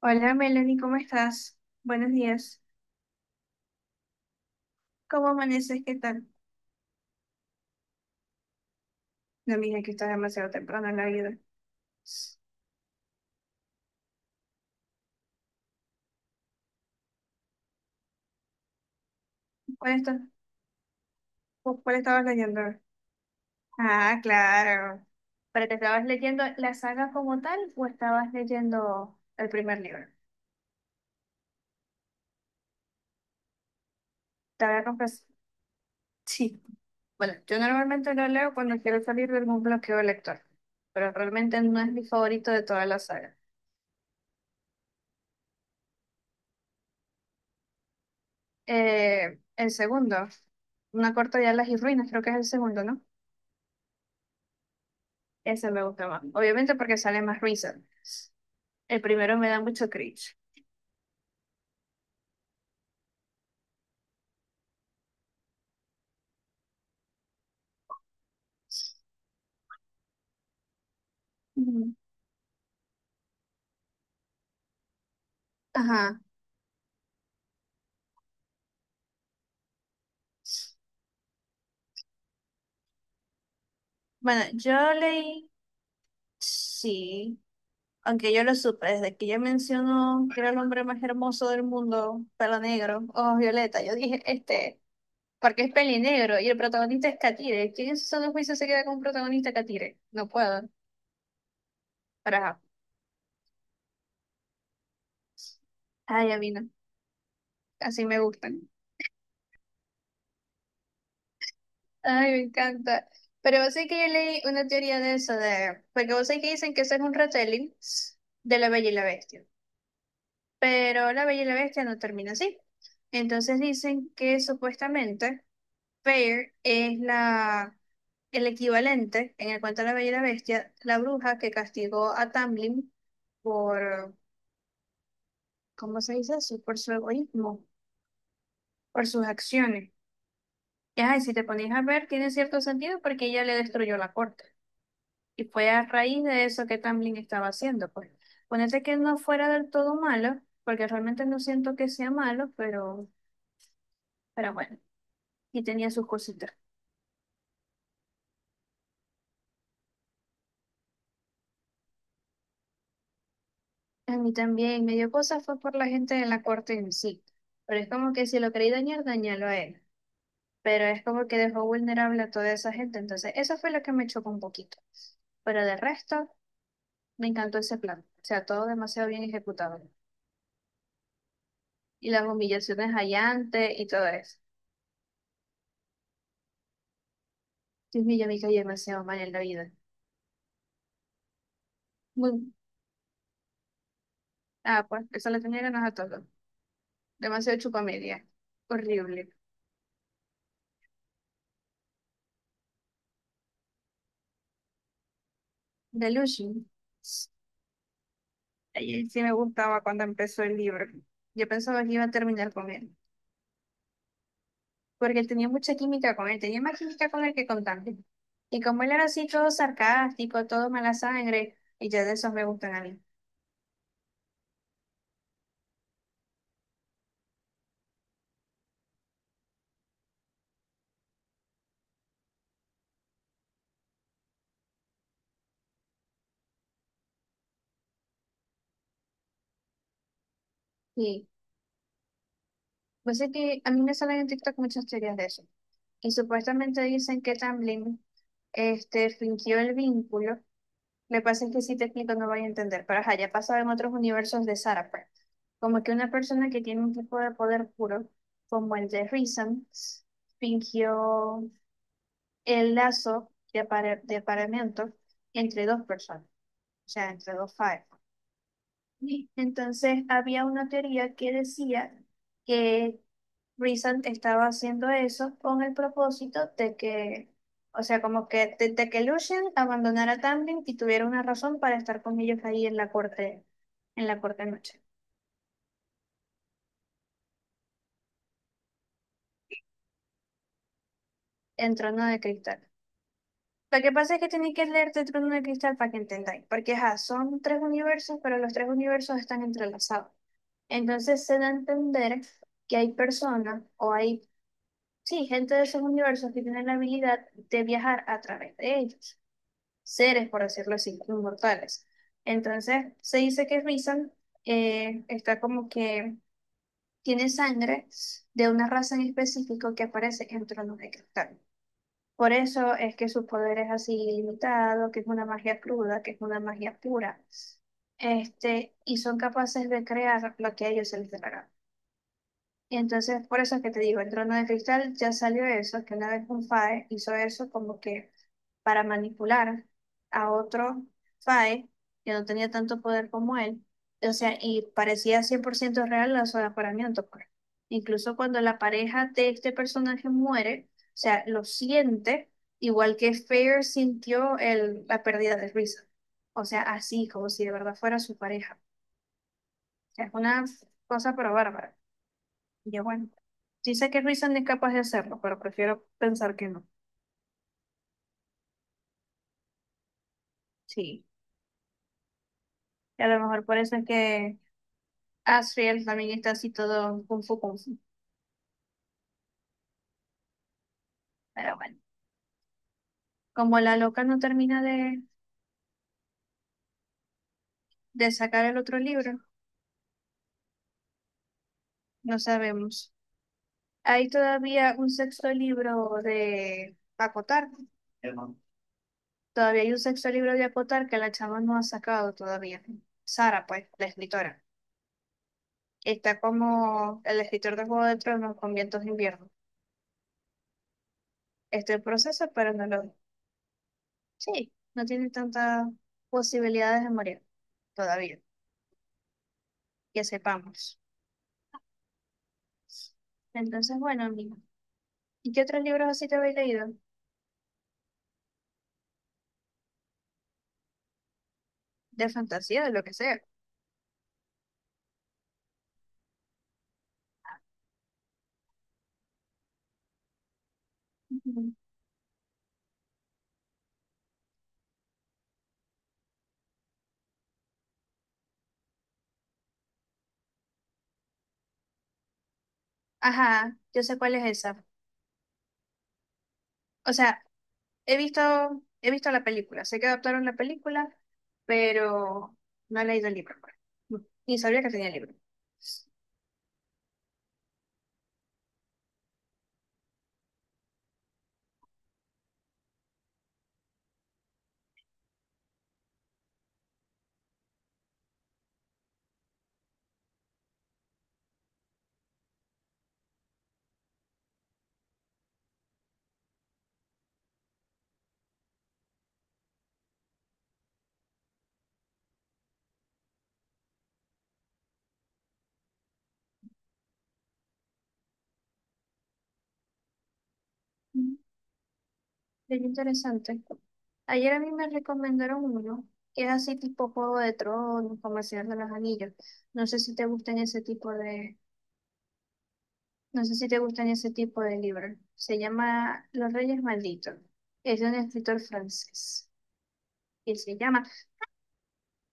Hola Melanie, ¿cómo estás? Buenos días. ¿Cómo amaneces? ¿Qué tal? No, mira que estás demasiado temprano en la vida. ¿Cuál, cuál estabas leyendo? Ah, claro. ¿Pero te estabas leyendo la saga como tal o estabas leyendo el primer libro? Te voy a confesar. Sí. Bueno, yo normalmente lo leo cuando quiero salir de algún bloqueo lector, pero realmente no es mi favorito de toda la saga. El segundo, Una corta de alas y ruinas, creo que es el segundo, ¿no? Ese me gusta más. Obviamente porque sale más risa. El primero me da mucho cringe. Ujú. Ajá. Bueno, yo leí, sí, aunque yo lo supe, desde que ella mencionó que era el hombre más hermoso del mundo, pelo negro, ojos violeta, yo dije, porque es peli negro y el protagonista es Katire. ¿Quién en su sano juicio se queda con un protagonista Katire? No puedo, pero ajá. Ay, a mí no, así me gustan. Ay, me encanta. Pero vos sabés que yo leí una teoría de eso, de, porque vos sabés que dicen que eso es un retelling de La Bella y la Bestia, pero La Bella y la Bestia no termina así. Entonces dicen que supuestamente Fair es la, el equivalente en el cuento de La Bella y la Bestia, la bruja que castigó a Tamlin por, ¿cómo se dice eso? Por su egoísmo, por sus acciones. Y ajá, y si te ponéis a ver, tiene cierto sentido porque ella le destruyó la corte. Y fue a raíz de eso que Tamlin estaba haciendo, pues. Ponete que no fuera del todo malo, porque realmente no siento que sea malo, pero bueno, y tenía sus cositas. A mí también me dio cosas fue por la gente de la corte en sí. Pero es como que si lo quería dañar, dañalo a él. Pero es como que dejó vulnerable a toda esa gente. Entonces, eso fue lo que me chocó un poquito. Pero de resto, me encantó ese plan. O sea, todo demasiado bien ejecutado. Y las humillaciones hallantes y todo eso. Dios mío, yo me caí demasiado mal en la vida. Muy- Ah, pues, esa la tenía ganas a todo. Demasiado chupamedia. Horrible. Delusion. Ahí sí me gustaba cuando empezó el libro. Yo pensaba que iba a terminar con él. Porque él tenía mucha química con él. Tenía más química con él que con Dante. Y como él era así, todo sarcástico, todo mala sangre. Y ya de esos me gustan a mí. Sí. Pues es que a mí me salen en TikTok muchas teorías de eso. Y supuestamente dicen que Tamblyn fingió el vínculo. Me pasa que si te explico no voy a entender, pero ajá, ya pasaba en otros universos de Sarah, pues. Como que una persona que tiene un tipo de poder puro, como el de Reason, fingió el lazo de, de apareamiento entre dos personas, o sea, entre dos Fire. Sí. Entonces había una teoría que decía que Reason estaba haciendo eso con el propósito de que, o sea, como que de que Lucien abandonara a Tamlin y tuviera una razón para estar con ellos ahí en la corte noche, en Trono de Cristal. Lo que pasa es que tenéis que leerte Trono de Cristal para que entendáis, porque ajá, son tres universos, pero los tres universos están entrelazados. Entonces se da a entender que hay personas o hay, sí, gente de esos universos que tienen la habilidad de viajar a través de ellos, seres, por decirlo así, inmortales. Entonces, se dice que Rizan está como que tiene sangre de una raza en específico que aparece en Tronos de Cristal. Por eso es que su poder es así ilimitado, que es una magia cruda, que es una magia pura. Y son capaces de crear lo que a ellos se les dé la gana. Y entonces, por eso es que te digo, el trono de cristal ya salió eso, que una vez un FAE hizo eso como que para manipular a otro FAE que no tenía tanto poder como él. O sea, y parecía 100% real la su aforamiento, pues. Incluso cuando la pareja de este personaje muere, o sea, lo siente, igual que Fair sintió el, la pérdida de Risa. O sea, así, como si de verdad fuera su pareja. O sea, es una cosa pero bárbara. Y bueno, sí sé que Reason es capaz de hacerlo, pero prefiero pensar que no. Sí, y a lo mejor por eso es que Asriel también está así todo kung fu kung fu. Pero bueno, como la loca no termina de sacar el otro libro, no sabemos. Hay todavía un sexto libro de Acotar. Todavía hay un sexto libro de Acotar que la chama no ha sacado todavía. Sara, pues, la escritora. Está como el escritor de Juego de Tronos con Vientos de Invierno. Está en proceso, pero no lo, sí, no tiene tantas posibilidades de morir todavía, que sepamos. Entonces, bueno, amigo. ¿Y qué otros libros así te habéis leído? De fantasía, de lo que sea. Ujú. Ajá, yo sé cuál es esa. O sea, he visto, he visto la película, sé que adaptaron la película, pero no he leído el libro, pues. Ni sabía que tenía libro. Bien interesante. Ayer a mí me recomendaron uno que es así tipo Juego de Tronos, como El Señor de los Anillos. No sé si te gustan ese tipo de, no sé si te gustan ese tipo de libros. Se llama Los Reyes Malditos. Es de un escritor francés. Y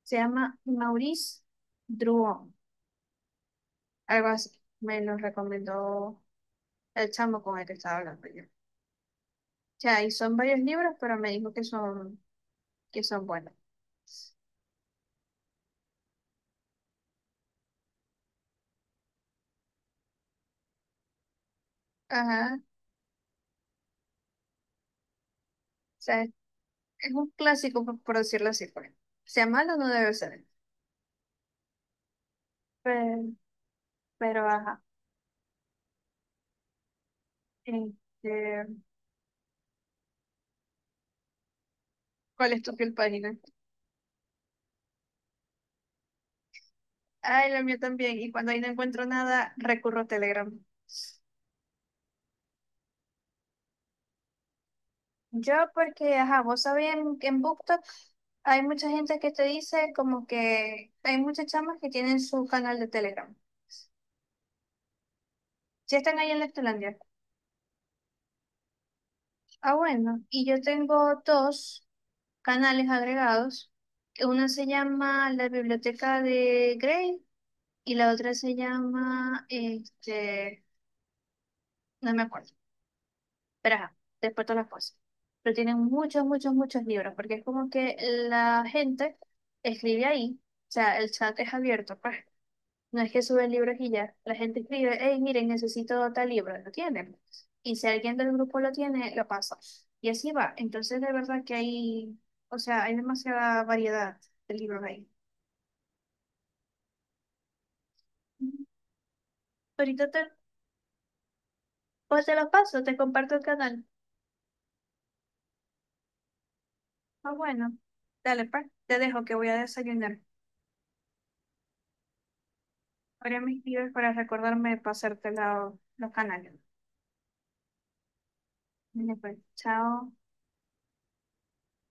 se llama Maurice Druon, algo así. Me lo recomendó el chamo con el que estaba hablando yo. O sea, y son varios libros, pero me dijo que son buenos. Ajá. O sea, es un clásico, por decirlo así, pues. Sea malo, no debe ser. Pero, pero ajá. Este, ¿Cuál es tu piel página? Ay, la mía también. Y cuando ahí no encuentro nada, recurro a Telegram. Yo porque, ajá, vos sabés, en BookTok hay mucha gente que te dice como que hay muchas chamas que tienen su canal de Telegram. Si están ahí en Lectolandia. Ah, bueno. Y yo tengo dos canales agregados. Una se llama La Biblioteca de Grey, y la otra se llama, no me acuerdo, pero ajá, después todas las cosas. Pero tienen muchos, muchos, muchos libros, porque es como que la gente escribe ahí, o sea, el chat es abierto, pues. No es que suben libros y ya, la gente escribe, hey, miren, necesito tal libro, lo tienen. Y si alguien del grupo lo tiene, lo pasa. Y así va. Entonces, de verdad que hay, o sea, hay demasiada variedad de libros ahí. Ujú. Ahorita te, pues te los paso, te comparto el canal. Ah, bueno, dale, pues. Te dejo que voy a desayunar. Ahora mis tíos para recordarme de pasarte la, los canales. Dale, pues, chao.